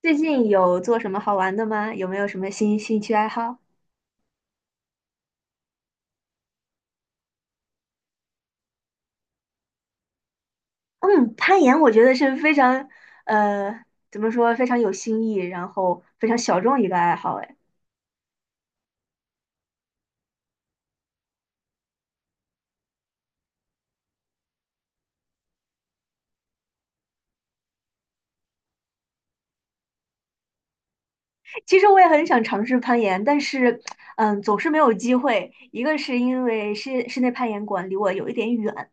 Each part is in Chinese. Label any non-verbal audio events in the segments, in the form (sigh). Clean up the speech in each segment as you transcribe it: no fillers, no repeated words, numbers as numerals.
最近有做什么好玩的吗？有没有什么新兴趣爱好？嗯，攀岩我觉得是非常，呃，怎么说，非常有新意，然后非常小众一个爱好。哎，其实我也很想尝试攀岩，但是，总是没有机会。一个是因为室内攀岩馆离我有一点远，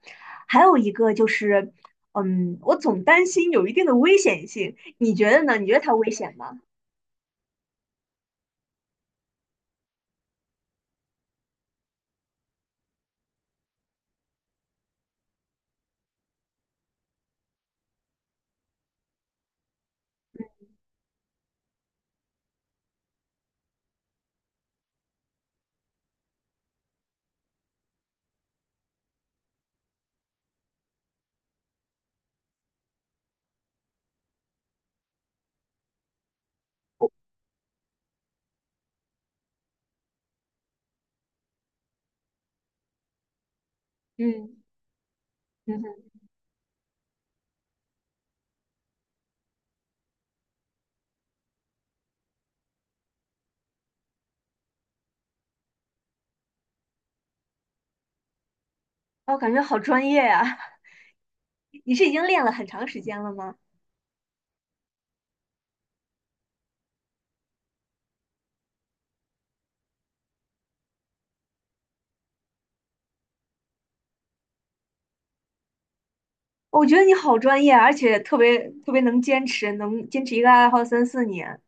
还有一个就是，我总担心有一定的危险性。你觉得呢？你觉得它危险吗？嗯嗯哼。我感觉好专业呀、(laughs) 你是已经练了很长时间了吗？我觉得你好专业，而且特别特别能坚持，能坚持一个爱好三四年。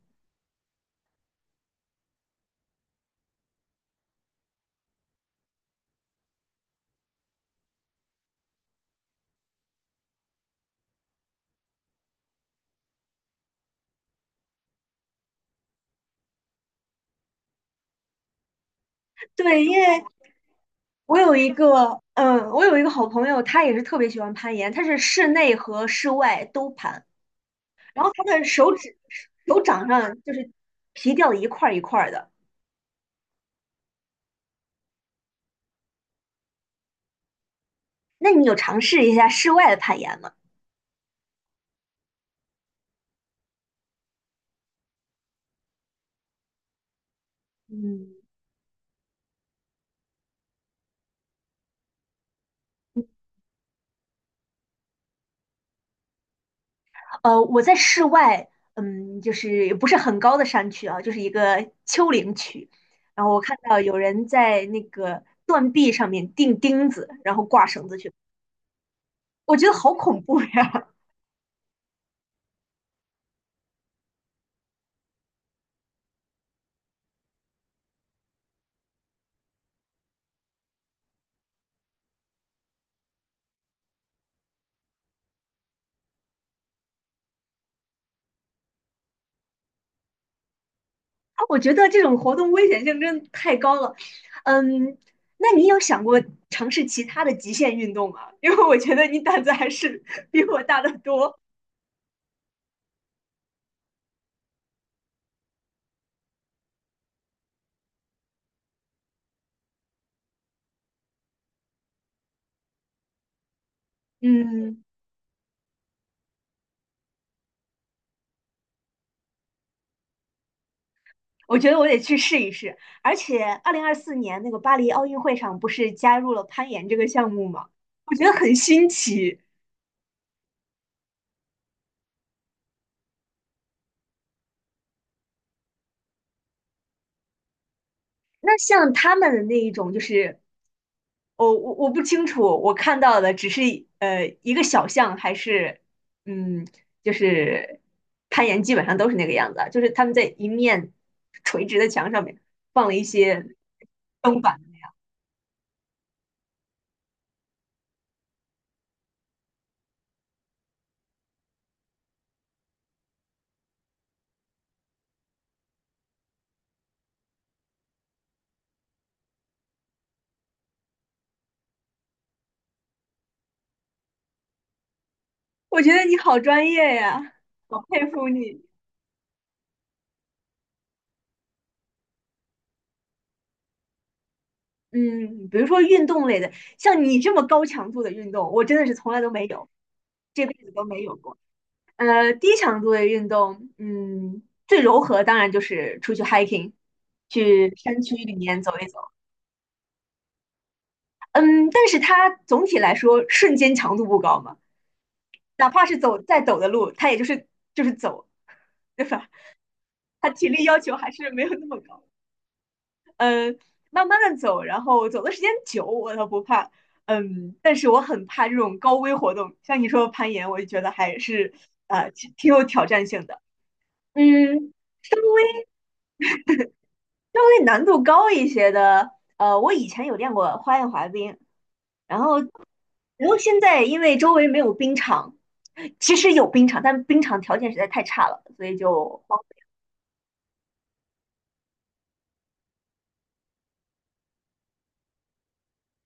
对，因为我有一个好朋友，他也是特别喜欢攀岩，他是室内和室外都攀，然后他的手指手掌上就是皮掉的一块儿一块儿的。那你有尝试一下室外的攀岩吗？嗯，我在室外，就是不是很高的山区啊，就是一个丘陵区。然后我看到有人在那个断壁上面钉钉子，然后挂绳子去，我觉得好恐怖呀！(laughs) 我觉得这种活动危险性真的太高了。嗯，那你有想过尝试其他的极限运动吗？因为我觉得你胆子还是 (laughs) 比我大得多。嗯。我觉得我得去试一试。而且，2024年那个巴黎奥运会上不是加入了攀岩这个项目吗？我觉得很新奇。那像他们的那一种，就是我不清楚，我看到的只是一个小项，还是嗯，就是攀岩基本上都是那个样子啊，就是他们在一面垂直的墙上面放了一些灯板。我觉得你好专业呀，好佩服你。嗯，比如说运动类的，像你这么高强度的运动，我真的是从来都没有，这辈子都没有过。低强度的运动，最柔和当然就是出去 hiking，去山区里面走一走。嗯，但是它总体来说瞬间强度不高嘛，哪怕是走再陡的路，它也就是走，对吧？它体力要求还是没有那么高。嗯，慢慢的走，然后走的时间久我倒不怕，但是我很怕这种高危活动，像你说的攀岩，我就觉得还是挺有挑战性的，嗯，稍微难度高一些的，我以前有练过花样滑冰，然后然后现在因为周围没有冰场，其实有冰场，但冰场条件实在太差了，所以就荒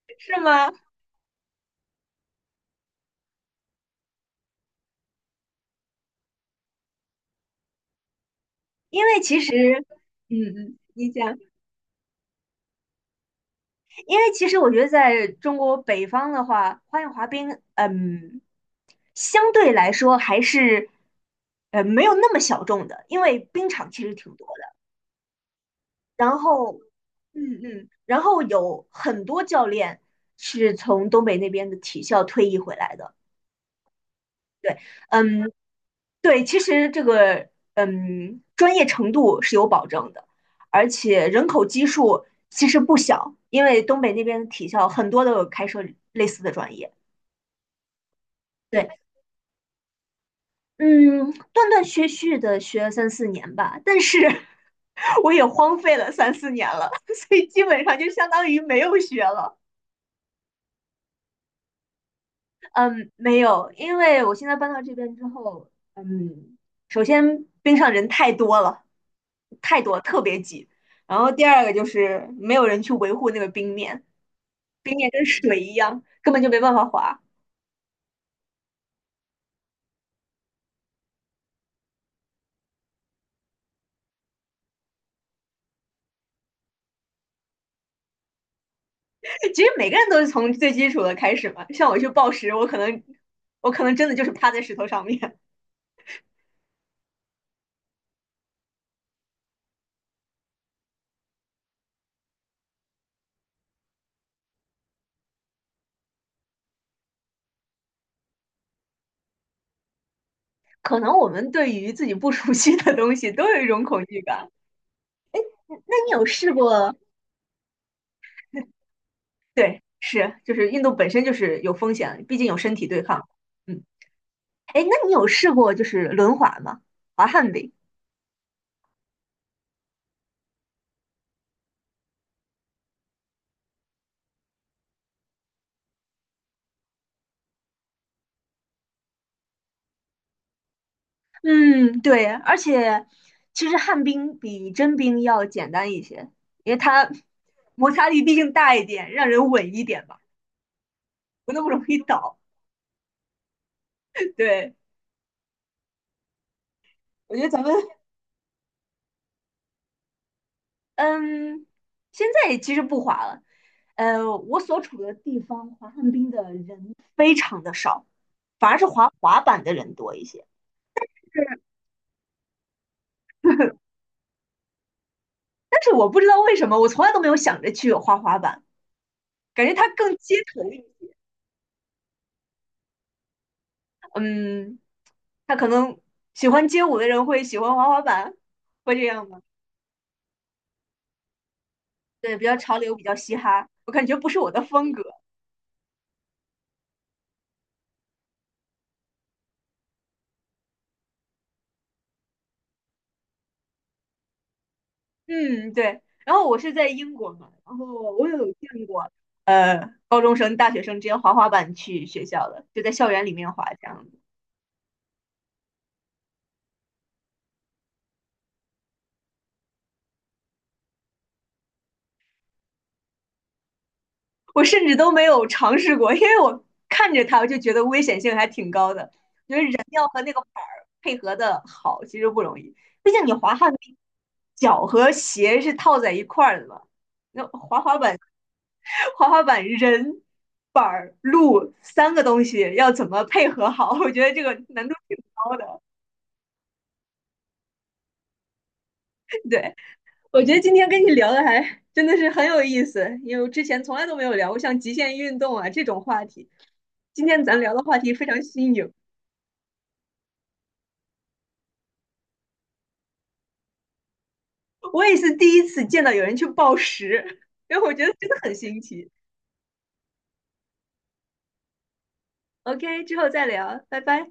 废是吗？因为其实，嗯嗯，你讲。因为其实我觉得在中国北方的话，花样滑冰，相对来说还是，没有那么小众的，因为冰场其实挺多的。然后，然后有很多教练是从东北那边的体校退役回来的。对，嗯，对，其实这个，专业程度是有保证的，而且人口基数其实不小，因为东北那边的体校很多都有开设类似的专业。对，嗯，断断续续的学了三四年吧，但是 (laughs) 我也荒废了三四年了，(laughs) 所以基本上就相当于没有学了。嗯，没有，因为我现在搬到这边之后，首先边上人太多了，太多，特别挤。然后第二个就是没有人去维护那个冰面，冰面跟水一样，根本就没办法滑。(laughs) 其实每个人都是从最基础的开始嘛，像我去报食，我可能真的就是趴在石头上面。可能我们对于自己不熟悉的东西都有一种恐惧感。那你有试过？对，是，就是运动本身就是有风险，毕竟有身体对抗。嗯，哎，那你有试过就是轮滑吗？滑旱冰？嗯，对，而且其实旱冰比真冰要简单一些，因为它摩擦力毕竟大一点，让人稳一点吧，不那么容易倒。(laughs) 对，我觉得咱们嗯，现在其实不滑了。我所处的地方滑旱冰的人非常的少，反而是滑滑板的人多一些。(laughs) 但是我不知道为什么，我从来都没有想着去滑滑板，感觉它更街头一点。嗯，他可能喜欢街舞的人会喜欢滑滑板，会这样吗？对，比较潮流，比较嘻哈，我感觉不是我的风格。嗯，对。然后我是在英国嘛，然后我有见过，呃，高中生、大学生直接滑滑板去学校的，就在校园里面滑这样子。我甚至都没有尝试过，因为我看着它，我就觉得危险性还挺高的，要和那个板儿配合的好，其实不容易。毕竟你滑旱冰，脚和鞋是套在一块儿的嘛，那滑滑板，(laughs) 滑滑板人。板儿、路三个东西要怎么配合好？我觉得这个难度挺高的。对，我觉得今天跟你聊的还真的是很有意思，因为我之前从来都没有聊过像极限运动啊这种话题。今天咱聊的话题非常新颖，我也是第一次见到有人去暴食，(laughs) 因为我觉得真的很新奇。OK，之后再聊，拜拜。